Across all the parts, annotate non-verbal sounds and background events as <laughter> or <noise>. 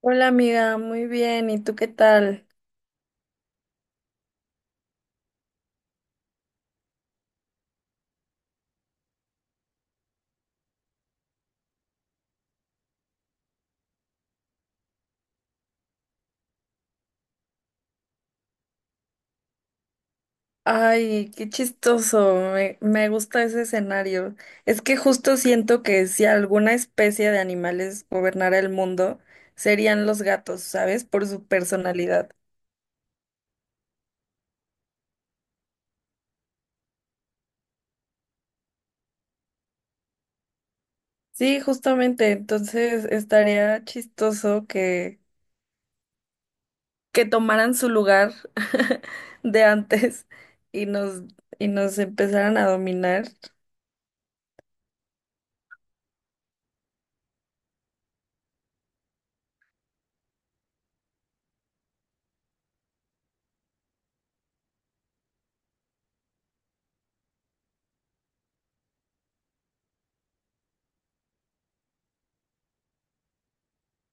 Hola amiga, muy bien. ¿Y tú qué tal? Ay, qué chistoso. Me gusta ese escenario. Es que justo siento que si alguna especie de animales gobernara el mundo, serían los gatos, ¿sabes? Por su personalidad. Sí, justamente. Entonces estaría chistoso que tomaran su lugar <laughs> de antes y nos empezaran a dominar.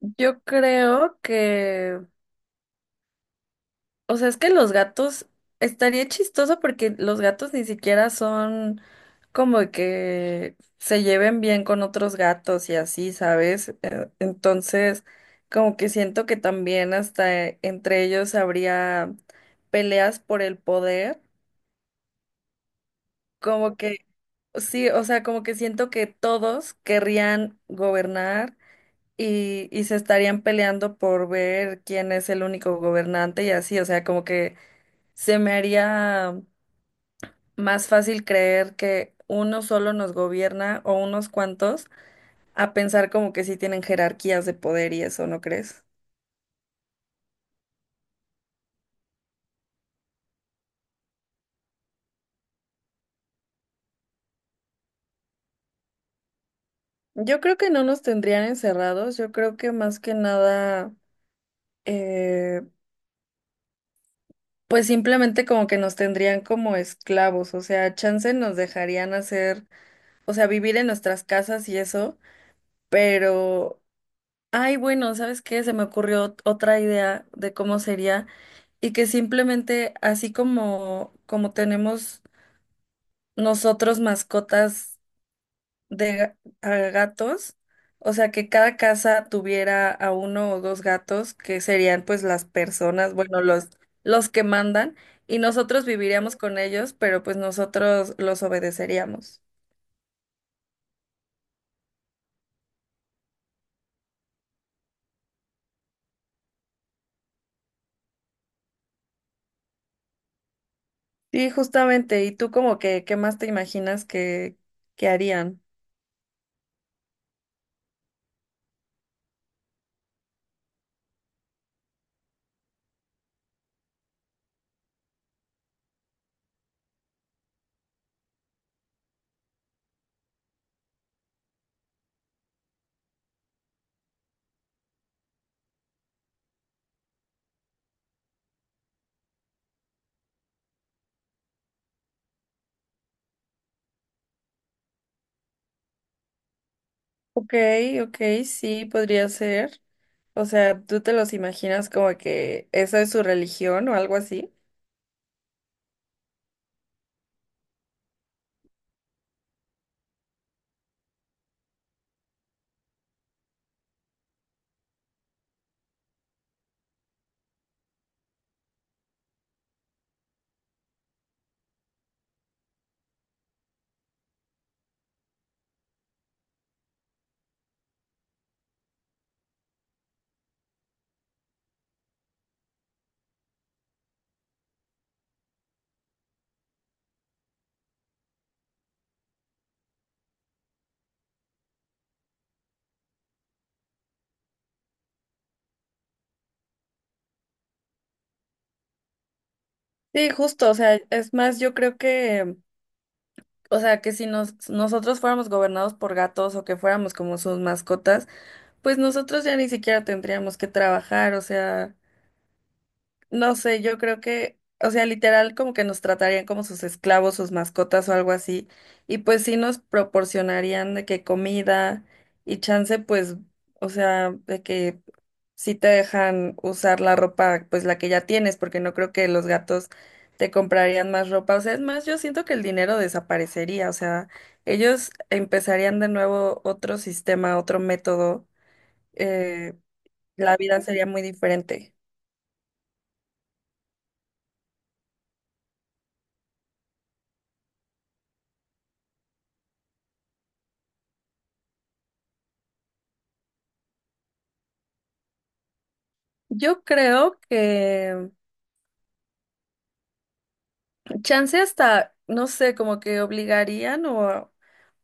Yo creo que... O sea, es que los gatos estaría chistoso porque los gatos ni siquiera son como que se lleven bien con otros gatos y así, ¿sabes? Entonces, como que siento que también hasta entre ellos habría peleas por el poder, como que sí, o sea, como que siento que todos querrían gobernar y se estarían peleando por ver quién es el único gobernante y así, o sea, como que se me haría más fácil creer que uno solo nos gobierna o unos cuantos a pensar como que sí tienen jerarquías de poder y eso, ¿no crees? Yo creo que no nos tendrían encerrados, yo creo que más que nada, eh, pues simplemente como que nos tendrían como esclavos, o sea, chance nos dejarían hacer, o sea, vivir en nuestras casas y eso, pero, ay, bueno, ¿sabes qué? Se me ocurrió otra idea de cómo sería y que simplemente así como tenemos nosotros mascotas de ga- a gatos, o sea, que cada casa tuviera a uno o dos gatos, que serían pues las personas, bueno, los que mandan, y nosotros viviríamos con ellos, pero pues nosotros los obedeceríamos. Sí, justamente, ¿y tú como que qué más te imaginas que harían? Ok, ok, sí, podría ser. O sea, ¿tú te los imaginas como que esa es su religión o algo así? Sí, justo, o sea, es más, yo creo que, o sea, que si nos, nosotros fuéramos gobernados por gatos o que fuéramos como sus mascotas, pues nosotros ya ni siquiera tendríamos que trabajar, o sea, no sé, yo creo que, o sea, literal como que nos tratarían como sus esclavos, sus mascotas o algo así, y pues sí nos proporcionarían de que comida y chance, pues, o sea, de que sí te dejan usar la ropa, pues la que ya tienes, porque no creo que los gatos te comprarían más ropa, o sea, es más, yo siento que el dinero desaparecería, o sea, ellos empezarían de nuevo otro sistema, otro método, eh, la vida sería muy diferente. Yo creo que chance hasta, no sé, como que obligarían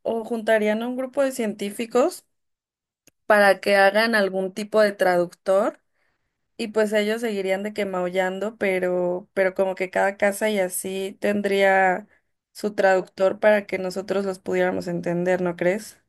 o juntarían a un grupo de científicos para que hagan algún tipo de traductor y pues ellos seguirían de que maullando, pero como que cada casa y así tendría su traductor para que nosotros los pudiéramos entender, ¿no crees?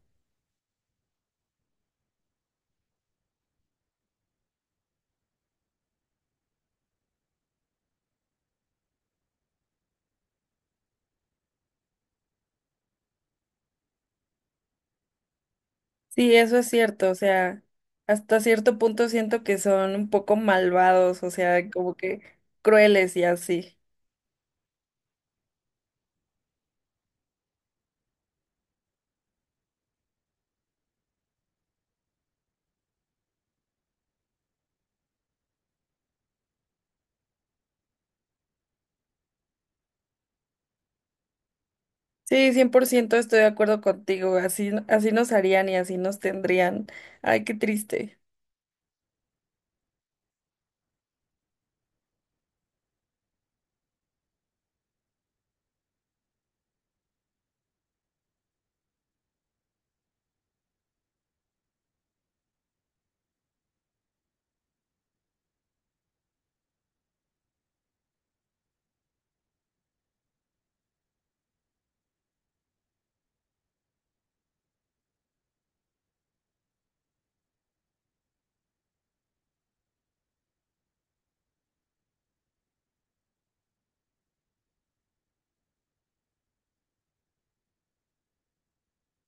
Sí, eso es cierto, o sea, hasta cierto punto siento que son un poco malvados, o sea, como que crueles y así. Sí, 100% estoy de acuerdo contigo. Así, así nos harían y así nos tendrían. Ay, qué triste.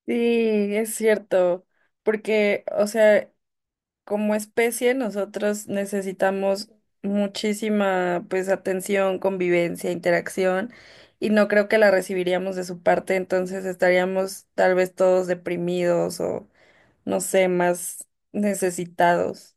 Sí, es cierto. Porque, o sea, como especie nosotros necesitamos muchísima, pues, atención, convivencia, interacción, y no creo que la recibiríamos de su parte, entonces estaríamos tal vez todos deprimidos o, no sé, más necesitados.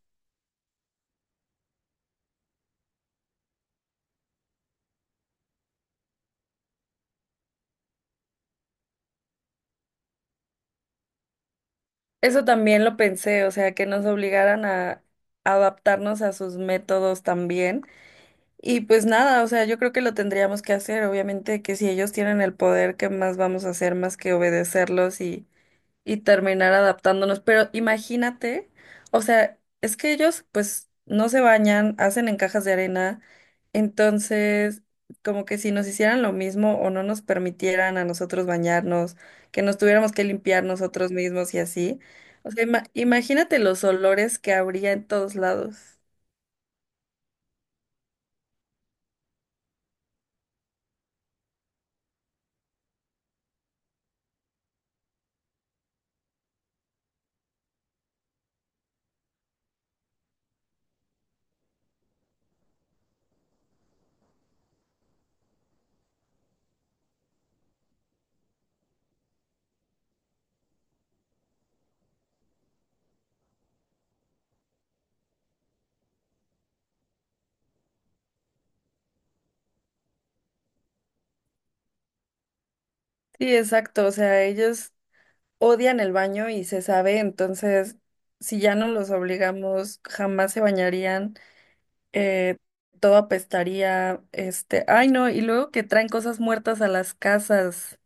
Eso también lo pensé, o sea, que nos obligaran a adaptarnos a sus métodos también. Y pues nada, o sea, yo creo que lo tendríamos que hacer, obviamente que si ellos tienen el poder, ¿qué más vamos a hacer más que obedecerlos y terminar adaptándonos. Pero imagínate, o sea, es que ellos pues no se bañan, hacen en cajas de arena, entonces como que si nos hicieran lo mismo o no nos permitieran a nosotros bañarnos, que nos tuviéramos que limpiar nosotros mismos y así. O sea, imagínate los olores que habría en todos lados. Sí, exacto, o sea, ellos odian el baño y se sabe, entonces si ya no los obligamos, jamás se bañarían. eh, Todo apestaría, ay no, y luego que traen cosas muertas a las casas.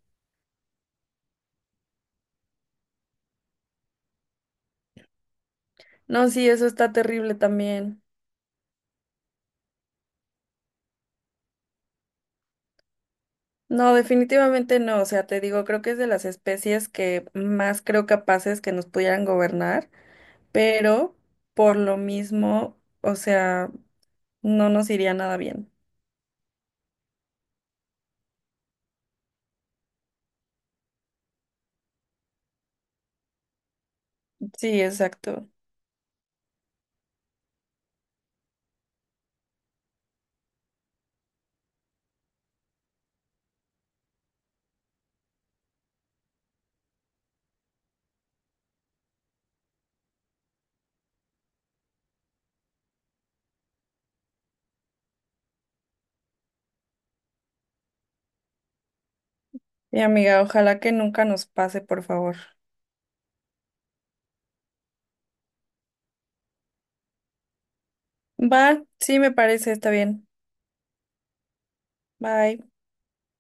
No, sí, eso está terrible también. No, definitivamente no, o sea, te digo, creo que es de las especies que más creo capaces que nos pudieran gobernar, pero por lo mismo, o sea, no nos iría nada bien. Sí, exacto. Y amiga, ojalá que nunca nos pase, por favor. Va, sí me parece, está bien. Bye.